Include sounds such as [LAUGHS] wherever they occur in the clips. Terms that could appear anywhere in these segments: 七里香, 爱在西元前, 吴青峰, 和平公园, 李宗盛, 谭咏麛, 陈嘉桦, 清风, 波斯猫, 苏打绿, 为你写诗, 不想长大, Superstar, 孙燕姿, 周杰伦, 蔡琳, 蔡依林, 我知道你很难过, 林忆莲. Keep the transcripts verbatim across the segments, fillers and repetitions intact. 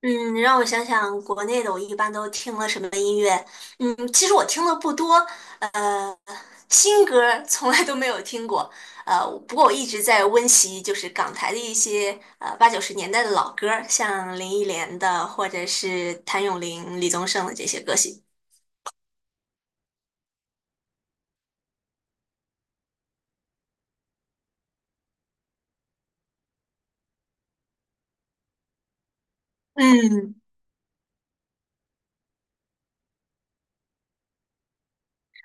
嗯，让我想想，国内的我一般都听了什么音乐？嗯，其实我听的不多，呃，新歌儿从来都没有听过，呃，不过我一直在温习，就是港台的一些呃八九十年代的老歌儿，像林忆莲的，或者是谭咏麟、李宗盛的这些歌曲。嗯，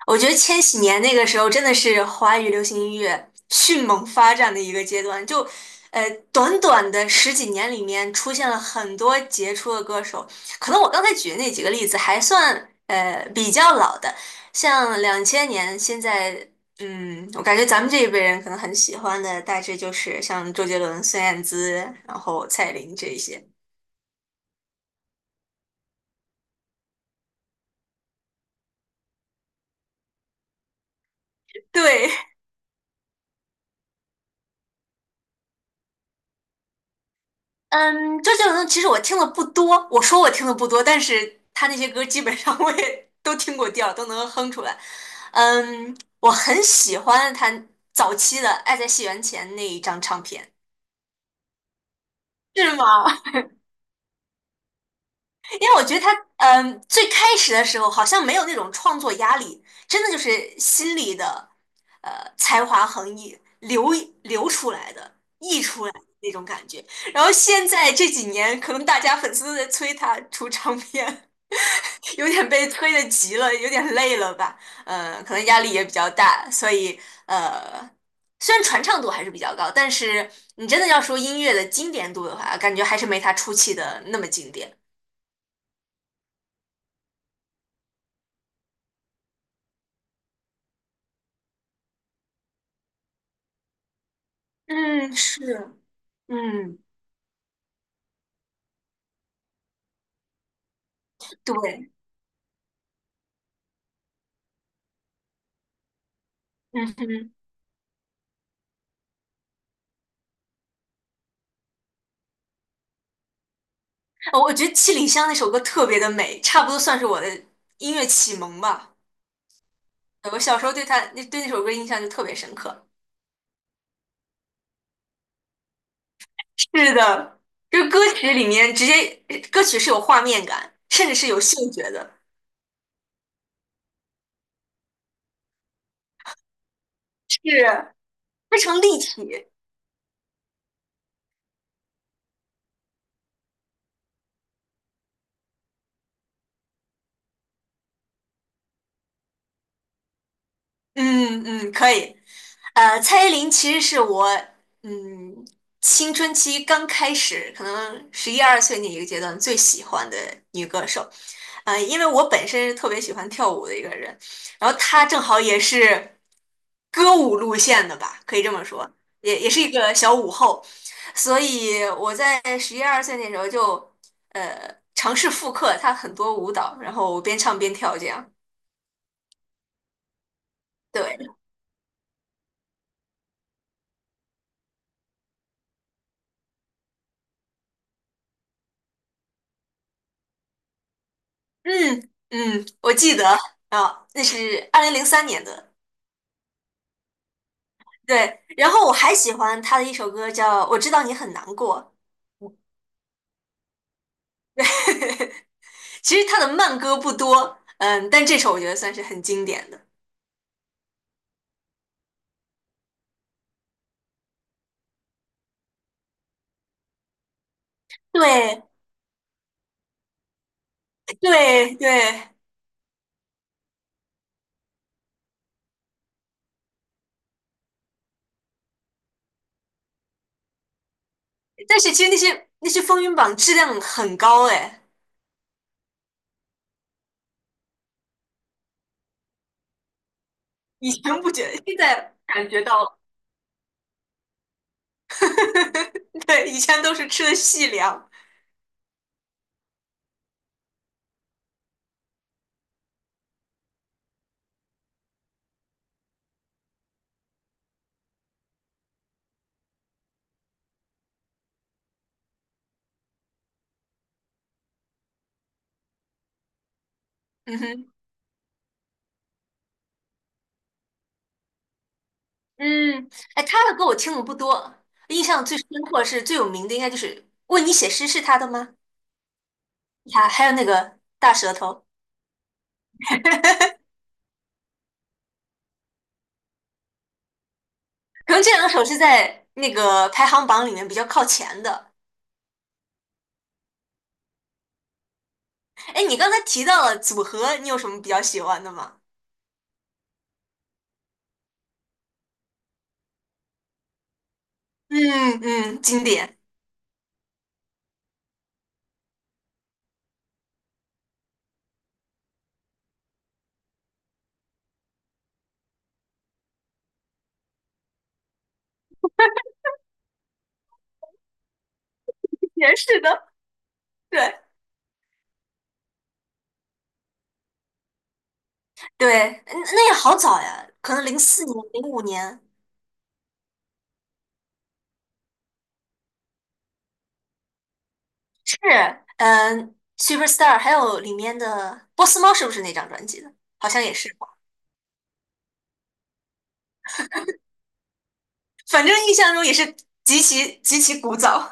我觉得千禧年那个时候真的是华语流行音乐迅猛发展的一个阶段，就呃短短的十几年里面出现了很多杰出的歌手。可能我刚才举的那几个例子还算呃比较老的，像两千年，现在嗯，我感觉咱们这一辈人可能很喜欢的大致就是像周杰伦、孙燕姿，然后蔡琳这一些。对，嗯，周杰伦的其实我听的不多，我说我听的不多，但是他那些歌基本上我也 [LAUGHS] 都听过调，都能哼出来。嗯，我很喜欢他早期的《爱在西元前》那一张唱片。是吗？[LAUGHS] 因为我觉得他，嗯，最开始的时候好像没有那种创作压力，真的就是心里的，呃，才华横溢流流出来的。那种感觉。然后现在这几年，可能大家粉丝都在催他出唱片，[LAUGHS] 有点被催得急了，有点累了吧？呃，可能压力也比较大，所以呃，虽然传唱度还是比较高，但是你真的要说音乐的经典度的话，感觉还是没他初期的那么经典。嗯，是。嗯，对。嗯哼，呃我觉得《七里香》那首歌特别的美，差不多算是我的音乐启蒙吧。我小时候对他那对那首歌印象就特别深刻。是的，就歌曲里面直接歌曲是有画面感，甚至是有嗅觉的，是非常立体。嗯嗯，可以。呃，蔡依林其实是我嗯青春期刚开始，可能十一二岁那一个阶段最喜欢的女歌手。呃，因为我本身是特别喜欢跳舞的一个人，然后他正好也是歌舞路线的吧，可以这么说，也也是一个小舞后，所以我在十一二岁那时候就呃尝试复刻他很多舞蹈，然后边唱边跳这样。对，嗯嗯，我记得啊，那是二零零三年的。对。然后我还喜欢他的一首歌叫《我知道你很难过》。[LAUGHS] 其实他的慢歌不多，嗯，但这首我觉得算是很经典的。对对对，但是其实那些那些风云榜质量很高哎，以前不觉得，现在感觉到了。[LAUGHS] 对，以前都是吃的细粮。嗯哼。嗯，哎，他的歌我听的不多，印象最深刻是最有名的应该就是《为你写诗》，是他的吗？他还有那个大舌头，可能这两首是在那个排行榜里面比较靠前的。哎，你刚才提到了组合，你有什么比较喜欢的吗？嗯嗯，经典。[LAUGHS] 也是的，对，对。嗯那也好早呀，可能零四年、零五年是。嗯，Superstar,还有里面的波斯猫是不是那张专辑的？好像也是吧，反正印象中也是极其极其古早。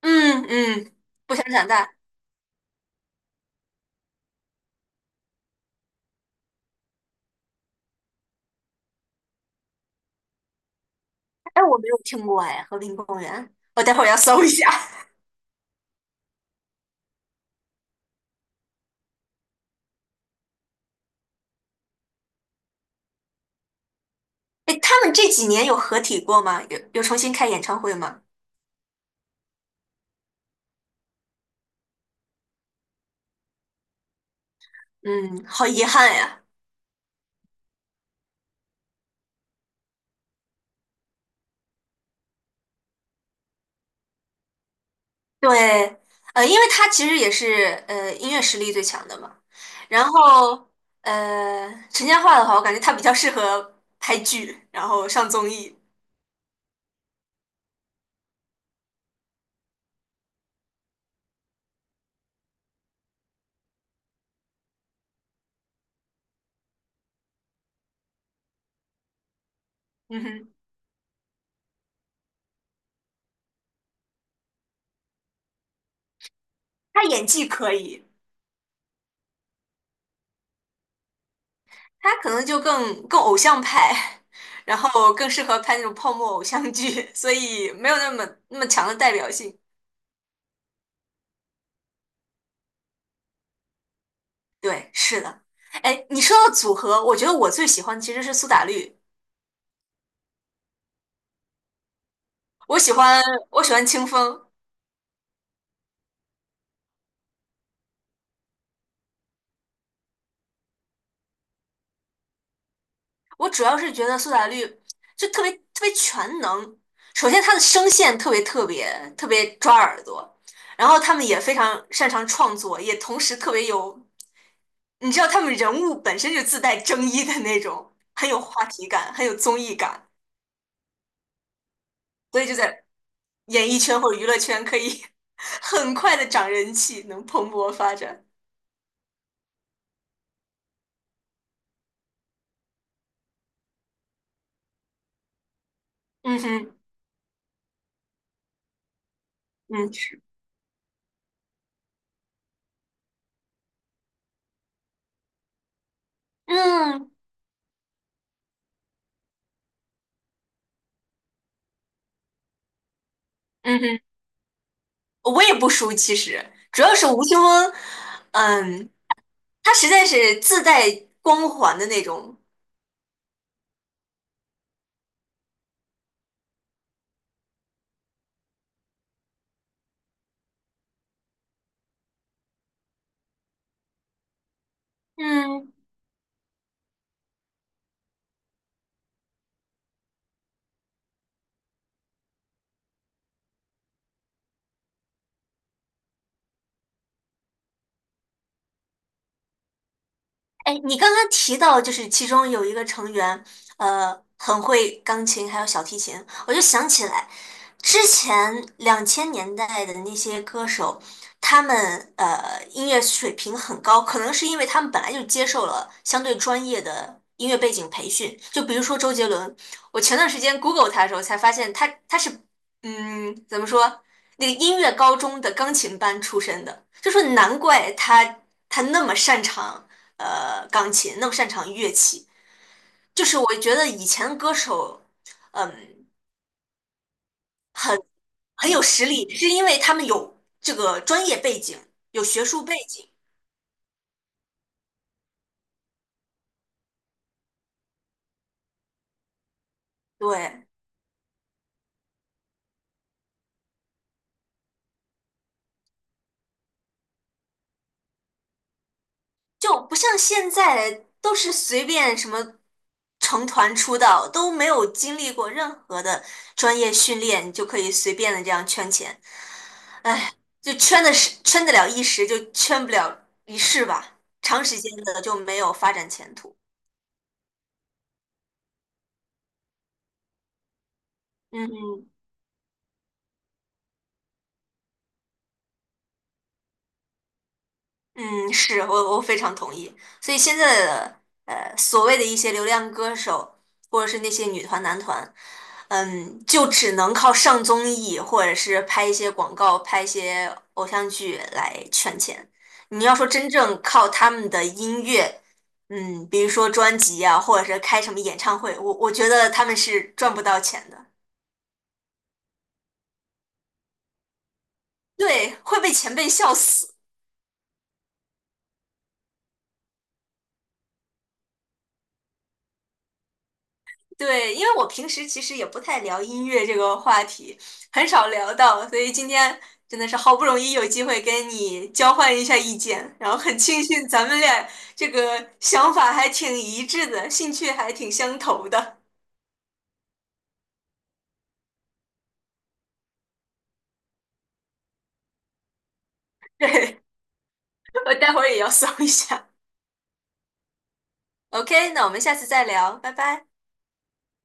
嗯嗯，不想长大。哎，我没有听过哎，《和平公园》，我待会儿要搜一下。[LAUGHS] 哎，他们这几年有合体过吗？有有重新开演唱会吗？嗯，好遗憾呀。对，呃，因为他其实也是呃音乐实力最强的嘛。然后呃，陈嘉桦的话，我感觉他比较适合拍剧，然后上综艺。嗯哼，他演技可以，他可能就更更偶像派，然后更适合拍那种泡沫偶像剧，所以没有那么那么强的代表性。对，是的。哎，你说到组合，我觉得我最喜欢其实是苏打绿，我喜欢我喜欢清风。我主要是觉得苏打绿就特别特别全能。首先，他的声线特别特别特别抓耳朵，然后他们也非常擅长创作，也同时特别有，你知道他们人物本身就自带争议的那种，很有话题感，很有综艺感，所以就在演艺圈或者娱乐圈可以 [LAUGHS] 很快的涨人气，能蓬勃发展。嗯哼。嗯嗯嗯哼，我也不熟，其实主要是吴青峰。嗯。他实在是自带光环的那种。嗯，哎，你刚刚提到，就是其中有一个成员，呃，很会钢琴，还有小提琴，我就想起来，之前两千年代的那些歌手，他们呃音乐水平很高，可能是因为他们本来就接受了相对专业的音乐背景培训。就比如说周杰伦，我前段时间 Google 他的时候才发现他，他是嗯，怎么说，那个音乐高中的钢琴班出身的，就说难怪他他那么擅长呃钢琴，那么擅长乐器。就是我觉得以前歌手，嗯，很有实力，是因为他们有这个专业背景，有学术背景。对，就不像现在都是随便什么成团出道，都没有经历过任何的专业训练，你就可以随便的这样圈钱，就圈的是圈得了一时，就圈不了一世吧，长时间的就没有发展前途。嗯。嗯，是我我非常同意。所以现在的呃所谓的一些流量歌手，或者是那些女团男团，嗯，就只能靠上综艺或者是拍一些广告、拍一些偶像剧来圈钱。你要说真正靠他们的音乐，嗯，比如说专辑啊，或者是开什么演唱会，我我觉得他们是赚不到钱的，对，会被前辈笑死。对，因为我平时其实也不太聊音乐这个话题，很少聊到，所以今天真的是好不容易有机会跟你交换一下意见，然后很庆幸咱们俩这个想法还挺一致的，兴趣还挺相投的。[LAUGHS] 对，我待会儿也要 [LAUGHS] 搜一下。OK,那我们下次再聊，拜拜。